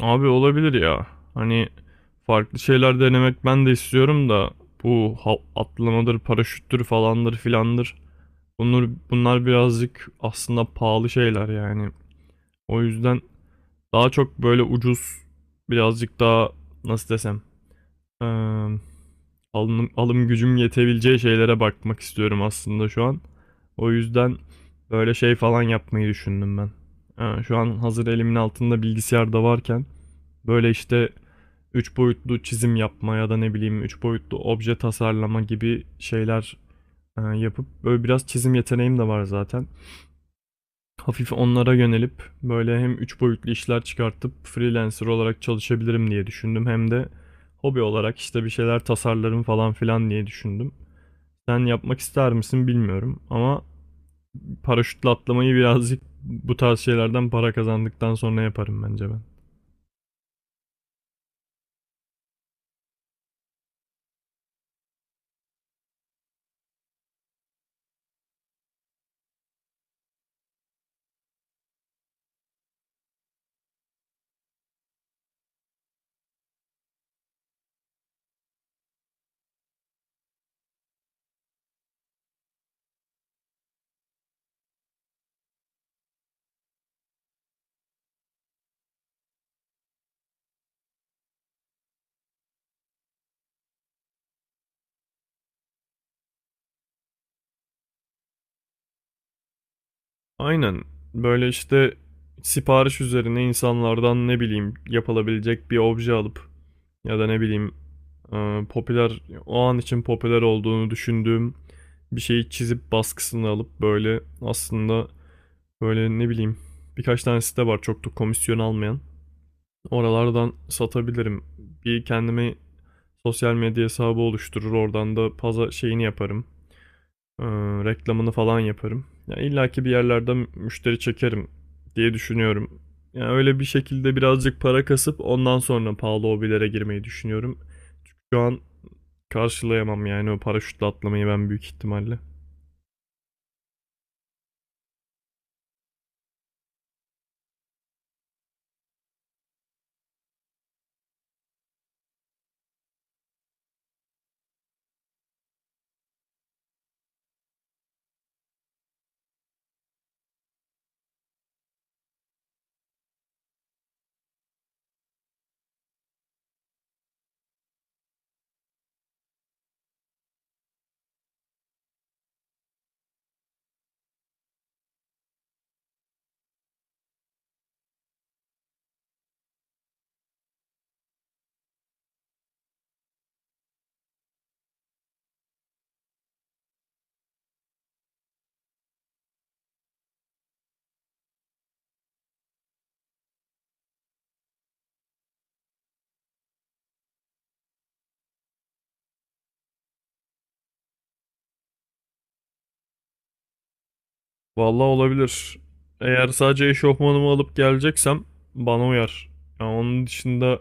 Abi olabilir ya. Hani farklı şeyler denemek ben de istiyorum da atlamadır, paraşüttür falandır filandır. Bunlar birazcık aslında pahalı şeyler yani. O yüzden daha çok böyle ucuz, birazcık daha nasıl desem eee, alım gücüm yetebileceği şeylere bakmak istiyorum aslında şu an. O yüzden böyle şey falan yapmayı düşündüm ben. Şu an hazır elimin altında bilgisayarda varken böyle işte 3 boyutlu çizim yapma ya da ne bileyim 3 boyutlu obje tasarlama gibi şeyler yapıp böyle biraz çizim yeteneğim de var zaten. Hafif onlara yönelip böyle hem 3 boyutlu işler çıkartıp freelancer olarak çalışabilirim diye düşündüm. Hem de hobi olarak işte bir şeyler tasarlarım falan filan diye düşündüm. Sen yapmak ister misin bilmiyorum ama paraşütle atlamayı birazcık bu tarz şeylerden para kazandıktan sonra yaparım bence ben. Aynen. Böyle işte sipariş üzerine insanlardan ne bileyim yapılabilecek bir obje alıp ya da ne bileyim popüler o an için popüler olduğunu düşündüğüm bir şeyi çizip baskısını alıp böyle aslında böyle ne bileyim birkaç tane site var çok da komisyon almayan. Oralardan satabilirim. Bir kendime sosyal medya hesabı oluşturur oradan da pazar şeyini yaparım. Ee, Reklamını falan yaparım. Ya İlla ki bir yerlerde müşteri çekerim diye düşünüyorum. Yani öyle bir şekilde birazcık para kasıp ondan sonra pahalı hobilere girmeyi düşünüyorum. Çünkü şu an karşılayamam yani o paraşütle atlamayı ben büyük ihtimalle. Vallahi olabilir. Eğer sadece eşofmanımı alıp geleceksem bana uyar. Yani onun dışında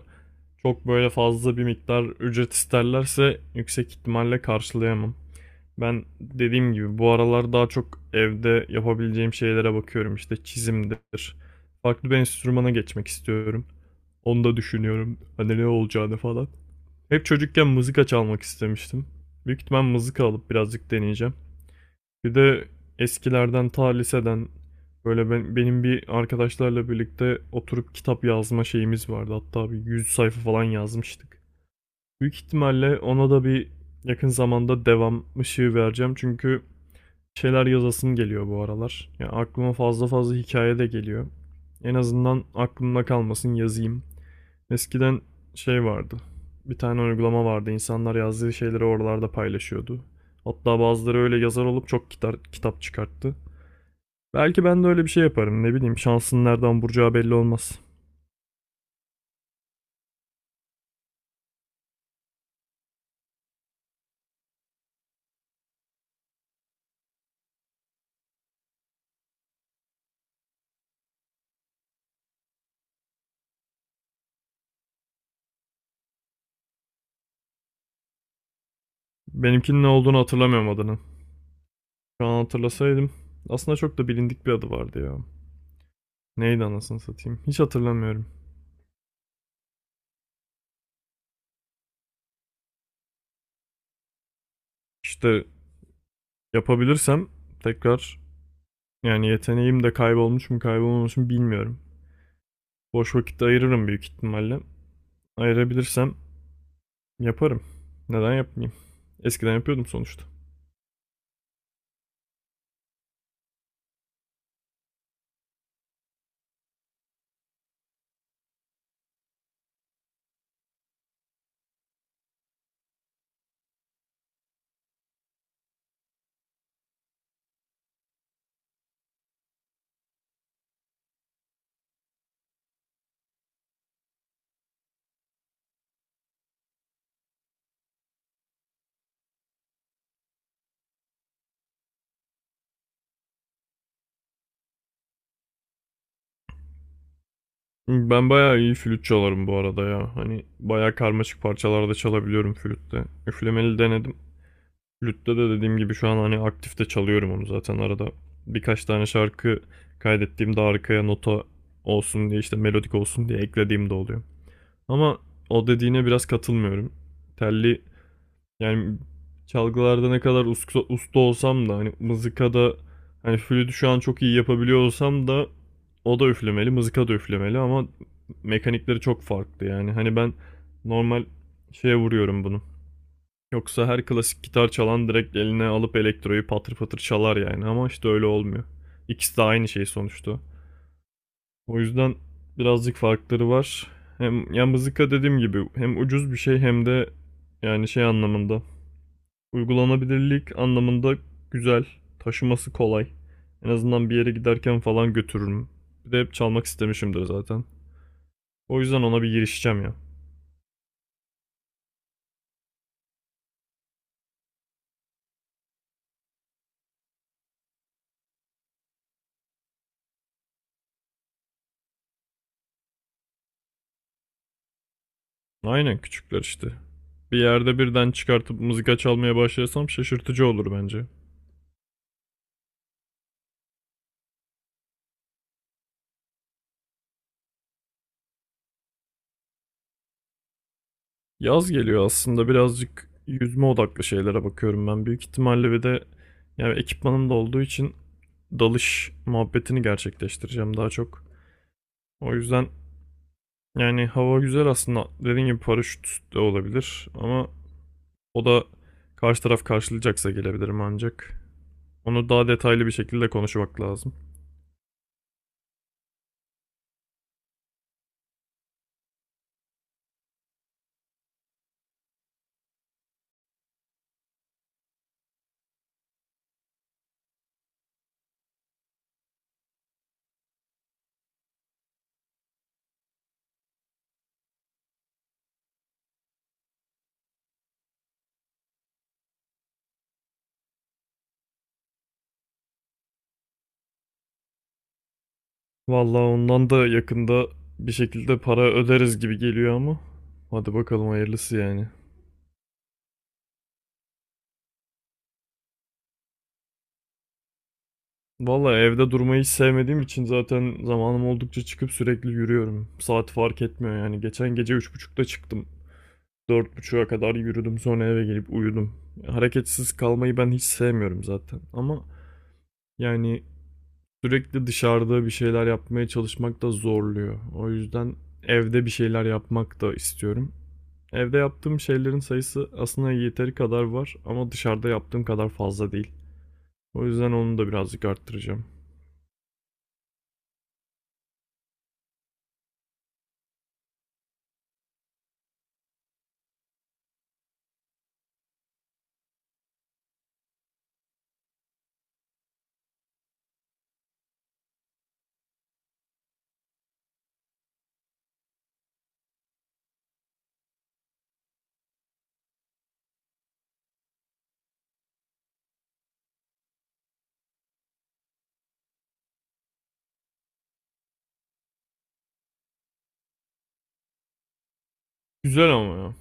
çok böyle fazla bir miktar ücret isterlerse yüksek ihtimalle karşılayamam. Ben dediğim gibi bu aralar daha çok evde yapabileceğim şeylere bakıyorum. İşte çizimdir. Farklı bir enstrümana geçmek istiyorum. Onu da düşünüyorum. Hani ne olacağını falan. Hep çocukken mızıka çalmak istemiştim. Büyük ihtimal mızıka alıp birazcık deneyeceğim. Bir de eskilerden ta liseden benim bir arkadaşlarla birlikte oturup kitap yazma şeyimiz vardı. Hatta bir 100 sayfa falan yazmıştık. Büyük ihtimalle ona da bir yakın zamanda devam ışığı vereceğim. Çünkü şeyler yazasım geliyor bu aralar. Ya aklıma fazla fazla hikaye de geliyor. En azından aklımda kalmasın yazayım. Eskiden şey vardı. Bir tane uygulama vardı. İnsanlar yazdığı şeyleri oralarda paylaşıyordu. Hatta bazıları öyle yazar olup çok kitap çıkarttı. Belki ben de öyle bir şey yaparım. Ne bileyim şansın nereden vuracağı belli olmaz. Benimkinin ne olduğunu hatırlamıyorum adını. Şu an hatırlasaydım. Aslında çok da bilindik bir adı vardı ya. Neydi anasını satayım. Hiç hatırlamıyorum. İşte yapabilirsem tekrar, yani yeteneğim de kaybolmuş mu kaybolmamış mı bilmiyorum. Boş vakit ayırırım büyük ihtimalle. Ayırabilirsem yaparım. Neden yapmayayım? Eskiden yapıyordum sonuçta. Ben bayağı iyi flüt çalarım bu arada ya. Hani bayağı karmaşık parçalarda çalabiliyorum flütte. Üflemeli denedim. Flütte de dediğim gibi şu an hani aktifte çalıyorum onu zaten arada. Birkaç tane şarkı kaydettiğimde arkaya nota olsun diye işte melodik olsun diye eklediğim de oluyor. Ama o dediğine biraz katılmıyorum. Telli, yani çalgılarda ne kadar usta olsam da hani mızıkada, hani flütü şu an çok iyi yapabiliyor olsam da, o da üflemeli, mızıka da üflemeli ama mekanikleri çok farklı yani. Hani ben normal şeye vuruyorum bunu. Yoksa her klasik gitar çalan direkt eline alıp elektroyu patır patır çalar yani ama işte öyle olmuyor. İkisi de aynı şey sonuçta. O yüzden birazcık farkları var. Hem ya mızıka dediğim gibi hem ucuz bir şey hem de yani şey anlamında, uygulanabilirlik anlamında güzel, taşıması kolay. En azından bir yere giderken falan götürürüm. Bir de hep çalmak istemişimdir zaten. O yüzden ona bir girişeceğim ya. Aynen küçükler işte. Bir yerde birden çıkartıp mızıka çalmaya başlarsam şaşırtıcı olur bence. Yaz geliyor aslında birazcık yüzme odaklı şeylere bakıyorum ben. Büyük ihtimalle bir de yani ekipmanım da olduğu için dalış muhabbetini gerçekleştireceğim daha çok. O yüzden yani hava güzel aslında. Dediğim gibi paraşüt de olabilir ama o da karşı taraf karşılayacaksa gelebilirim ancak. Onu daha detaylı bir şekilde konuşmak lazım. Vallahi ondan da yakında bir şekilde para öderiz gibi geliyor ama. Hadi bakalım hayırlısı yani. Vallahi evde durmayı hiç sevmediğim için zaten zamanım oldukça çıkıp sürekli yürüyorum. Saat fark etmiyor yani. Geçen gece 3.30'da çıktım. 4.30'a kadar yürüdüm sonra eve gelip uyudum. Hareketsiz kalmayı ben hiç sevmiyorum zaten ama yani sürekli dışarıda bir şeyler yapmaya çalışmak da zorluyor. O yüzden evde bir şeyler yapmak da istiyorum. Evde yaptığım şeylerin sayısı aslında yeteri kadar var ama dışarıda yaptığım kadar fazla değil. O yüzden onu da birazcık arttıracağım. Güzel ama ya.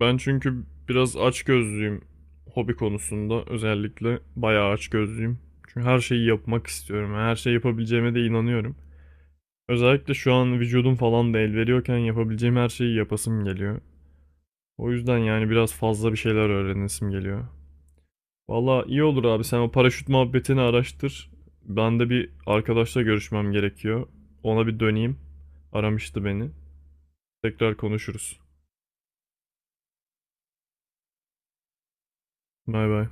Ben çünkü biraz açgözlüyüm hobi konusunda. Özellikle bayağı açgözlüyüm. Çünkü her şeyi yapmak istiyorum. Yani her şeyi yapabileceğime de inanıyorum. Özellikle şu an vücudum falan da el veriyorken yapabileceğim her şeyi yapasım geliyor. O yüzden yani biraz fazla bir şeyler öğrenesim geliyor. Valla iyi olur abi, sen o paraşüt muhabbetini araştır. Ben de bir arkadaşla görüşmem gerekiyor. Ona bir döneyim. Aramıştı beni. Tekrar konuşuruz. Bay bay.